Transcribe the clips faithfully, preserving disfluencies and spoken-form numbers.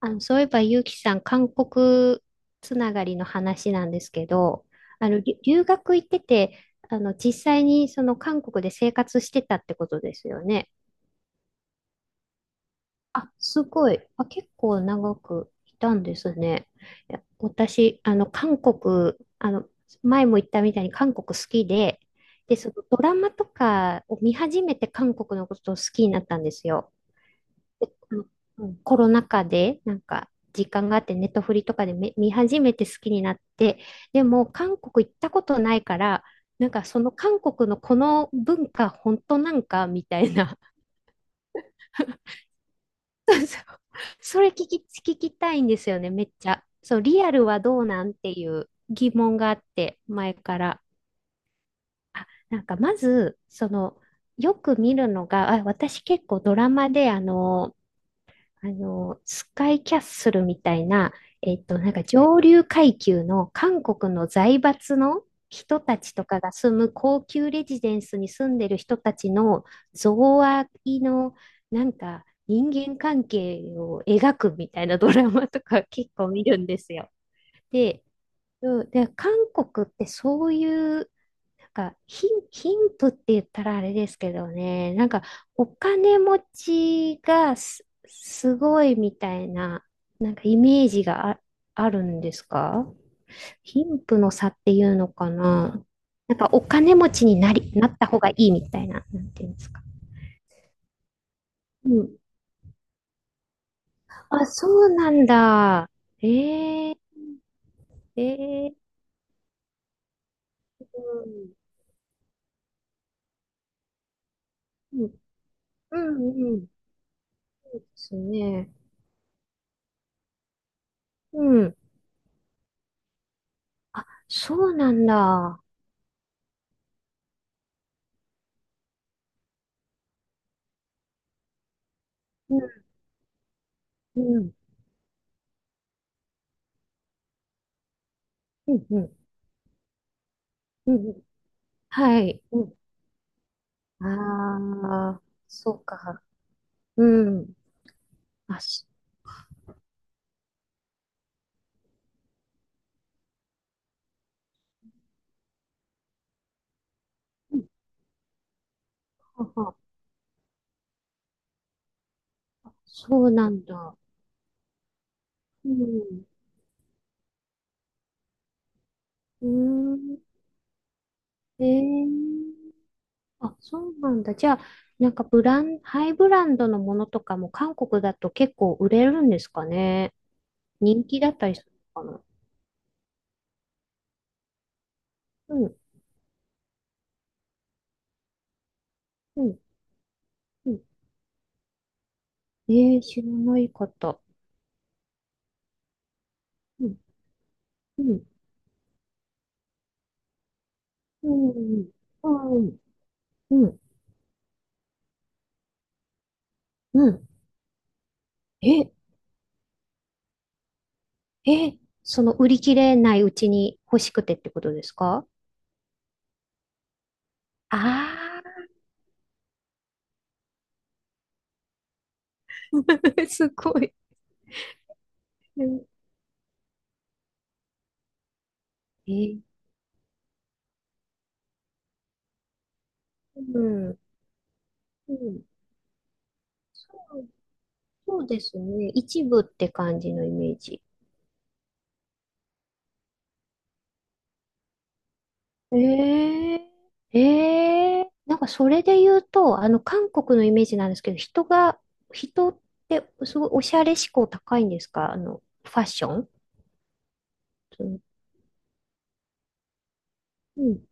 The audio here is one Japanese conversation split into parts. あの、そういえば、ゆうきさん、韓国つながりの話なんですけど、あの、り留学行ってて、あの、実際にその韓国で生活してたってことですよね。あ、すごい。あ、結構長くいたんですね。いや、私、あの、韓国、あの、前も言ったみたいに韓国好きで、で、そのドラマとかを見始めて韓国のことを好きになったんですよ。あのうんコロナ禍で、なんか、時間があって、ネットフリとかでめ見始めて好きになって、でも、韓国行ったことないから、なんか、その韓国のこの文化、本当なんか、みたいな。そうそう、それ聞き、聞きたいんですよね、めっちゃ。そう、リアルはどうなんっていう疑問があって、前から。あ、なんか、まず、その、よく見るのが、あ、私結構ドラマで、あの、あの、スカイキャッスルみたいな、えっと、なんか上流階級の韓国の財閥の人たちとかが住む高級レジデンスに住んでる人たちの贈賄の、なんか人間関係を描くみたいなドラマとか結構見るんですよ。で、うん、で、韓国ってそういう、なんか貧、貧富って言ったらあれですけどね、なんかお金持ちがす、すごいみたいな、なんかイメージがあ、あるんですか？貧富の差っていうのかな。なんかお金持ちになり、なった方がいいみたいな、なんていうんですか？うん。あ、そうなんだ。えー、えー、うん、うん、うん、うん、そうですね。うん。あ、そうなんだ。うん、うん、うん、うん、うん。はい。うん、ああ、そうか。うん。あ、し、うん。はは。そうなんだ。うん。うーん。えー、あ、そうなんだ。じゃあ、なんかブラン、ハイブランドのものとかも韓国だと結構売れるんですかね？人気だったりするのかな。うん、うん、うん。えー、知らない方。うん、うん、うん、うん。うんうん。え、え、その売り切れないうちに欲しくてってことですか？ああ、ー、すごい。うん、え、うん、うん。そう、そうですね。一部って感じのイメージ。ええ、ええ、なんかそれで言うと、あの、韓国のイメージなんですけど、人が、人ってすごいおしゃれ志向高いんですか？あの、ファッション。うん、うん。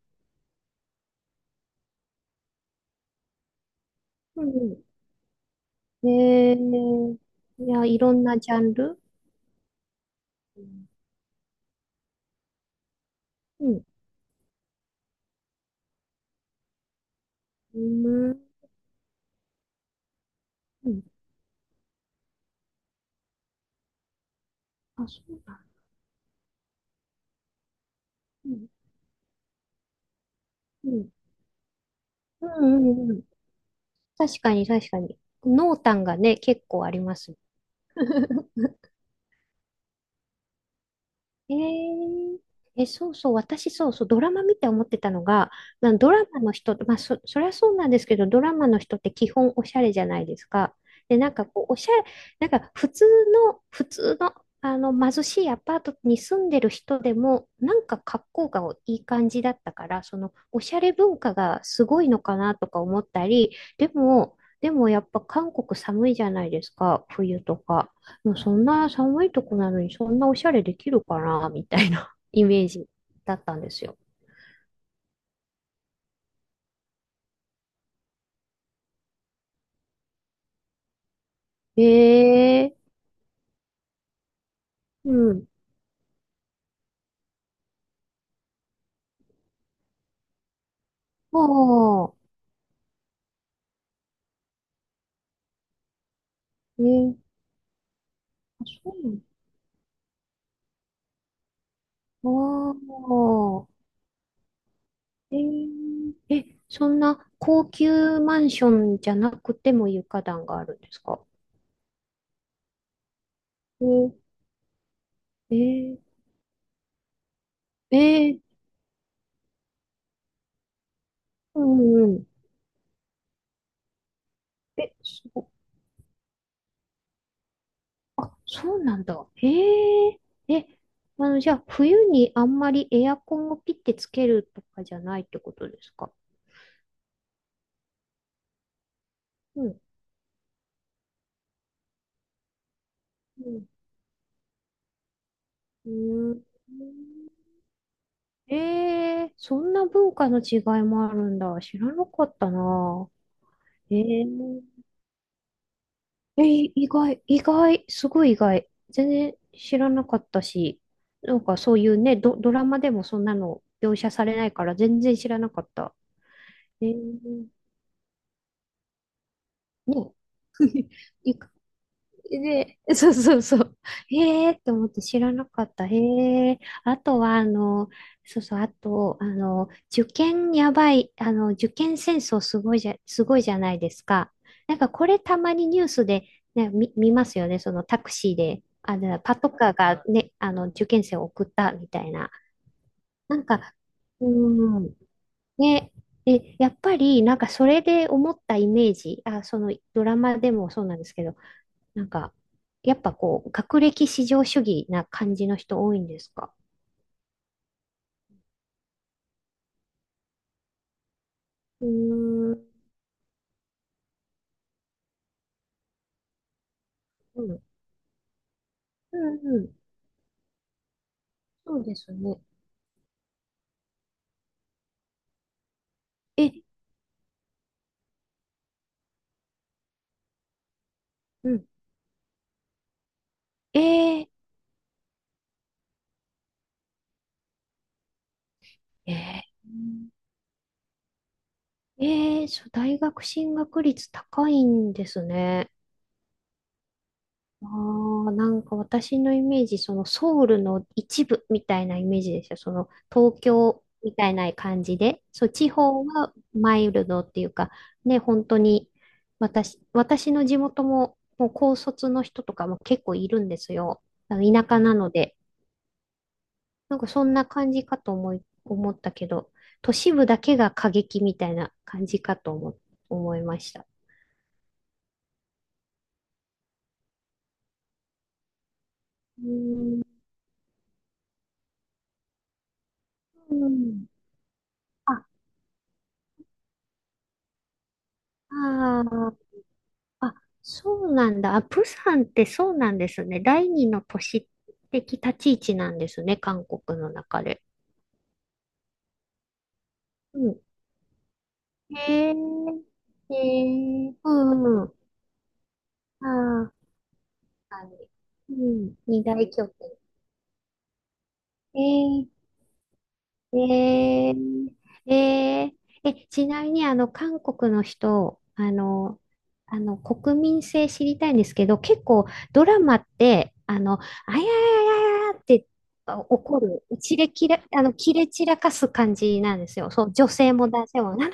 うん、ええ、いや、いろんなジャンル。うん。うん。うーん。あ、そうだ。うん。うん。うんうんうんうん。確かに、確かに。濃淡がね、結構ありますよね。えー、え、そうそう、私そうそう、ドラマ見て思ってたのが、まあ、ドラマの人、まあそ、そりゃそうなんですけど、ドラマの人って基本おしゃれじゃないですか。で、なんかこう、おしゃれ、なんか普通の、普通の、あの貧しいアパートに住んでる人でも、なんか格好がいい感じだったから、そのおしゃれ文化がすごいのかなとか思ったり、でも、でもやっぱ韓国寒いじゃないですか、冬とか。もうそんな寒いとこなのにそんなおしゃれできるかなみたいな、 イメージだったんですよ。ええ、うん。ああ、えー、あ、そうなの。ああ、えー、え、そんな高級マンションじゃなくても床暖があるんですか？えー、えー、えー、うん、うん。え、すご、あ、そうなんだ。へえ。え、あの、じゃあ、冬にあんまりエアコンをピッてつけるとかじゃないってことですか？うん。うん。うーん。ええ、そんな文化の違いもあるんだ。知らなかったな。ええ。え、い意外、意外、すごい意外。全然知らなかったし、なんかそういうね、ド、ドラマでもそんなの描写されないから全然知らなかった。ええ。ね。で、そうそうそう。へえー、って思って知らなかった。へえ。あとは、あの、そうそう、あと、あの、受験やばい、あの、受験戦争すごいじゃ、すごいじゃないですか。なんかこれたまにニュースで、ね、見、見ますよね。そのタクシーで、あの、パトカーがね、あの、受験生を送ったみたいな。なんか、うーん、ね、でやっぱり、なんかそれで思ったイメージ、あ、そのドラマでもそうなんですけど、なんか、やっぱこう、学歴至上主義な感じの人多いんですか？うーん、うん、うんうん、そうですね。え、うん。えー、えー、えー、そう、大学進学率高いんですね。ああ、なんか私のイメージ、そのソウルの一部みたいなイメージですよ。その東京みたいな感じで、そう、地方はマイルドっていうか、ね、本当に、私、私の地元も、もう高卒の人とかも結構いるんですよ。あの田舎なので。なんかそんな感じかと思い、思ったけど、都市部だけが過激みたいな感じかと思、思いました。うん。あ、ああ。あ、そうなんだ。あ、プサンってそうなんですね。第二の都市的立ち位置なんですね、韓国の中で。うん。へえ、へえ、うん、うん。ああ、確かに。うん、二大拠点。えええー、えー、え、ちなみに、あの、韓国の人、あの、あの、国民性知りたいんですけど、結構ドラマって、あの、あややややって、あ怒る、切れ切れ、あの、切れ散らかす感じなんですよ。そう、女性も男性も、なら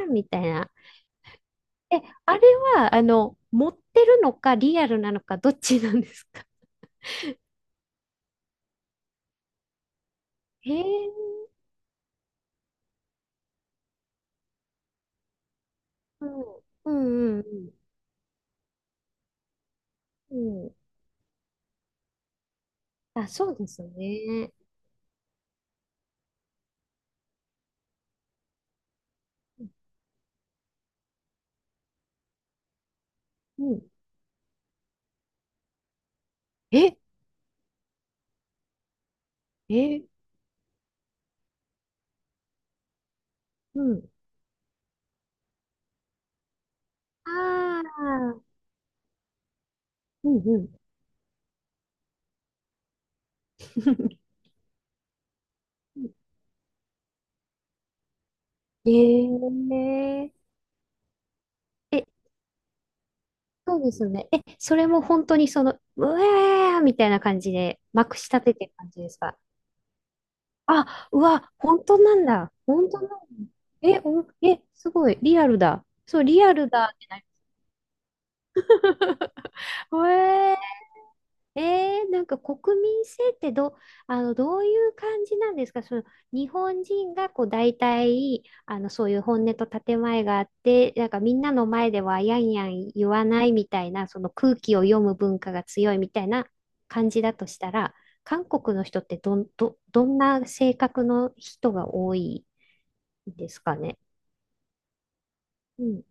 らみたいな。え、あれは、あの、持ってるのか、リアルなのか、どっちなんですか？へえ、うん、うん、うん、うん。うん、あ、そうですね。うん、え、え、うん、ああ、うんうん。えええ、そうですね。え、それも本当にその、うわーみたいな感じで、まくし立ててる感じですか？あ、うわ、本当なんだ。本当なんだ。え、お、え、すごい、リアルだ。そう、リアルだ。うえー、えー、なんか国民性ってど、あの、どういう感じなんですか？その日本人がこう大体あのそういう本音と建前があってなんかみんなの前ではやんやん言わないみたいなその空気を読む文化が強いみたいな感じだとしたら、韓国の人ってどん、ど、どんな性格の人が多いんですかね？うん。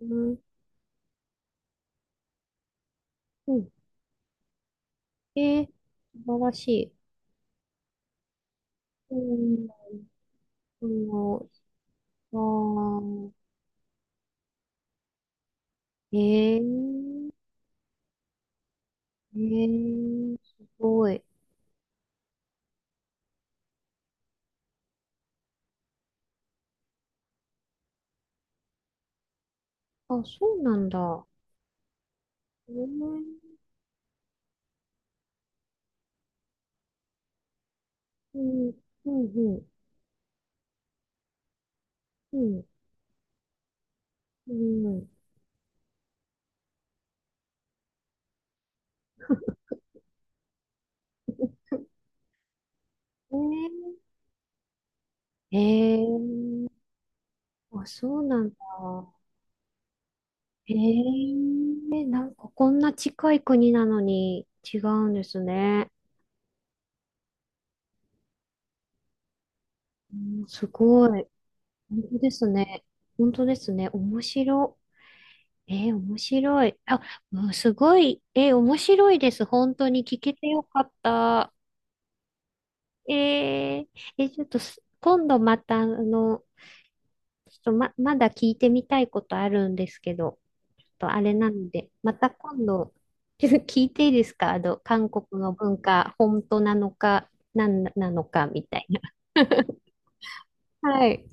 うん。うん、えー、素晴らしい。うん。うん、あー、ええ、ええ、すごい。あ、そうなんだ。ええ、うん、うん、うん、うん、うん、えええ、 え、あ、そうなんだ。ええ、なんかこんな近い国なのに違うんですね。うん、すごい。本当ですね。本当ですね。面白。ええ面白い。あ、うん、すごい。ええ面白いです。本当に聞けてよかった。えー、え、ちょっとす今度また、あの、ちょっとま、まだ聞いてみたいことあるんですけど、ちょっとあれなので、また今度、聞いていいですか？あの、韓国の文化、本当なのか、なんなのか、みたいな。はい。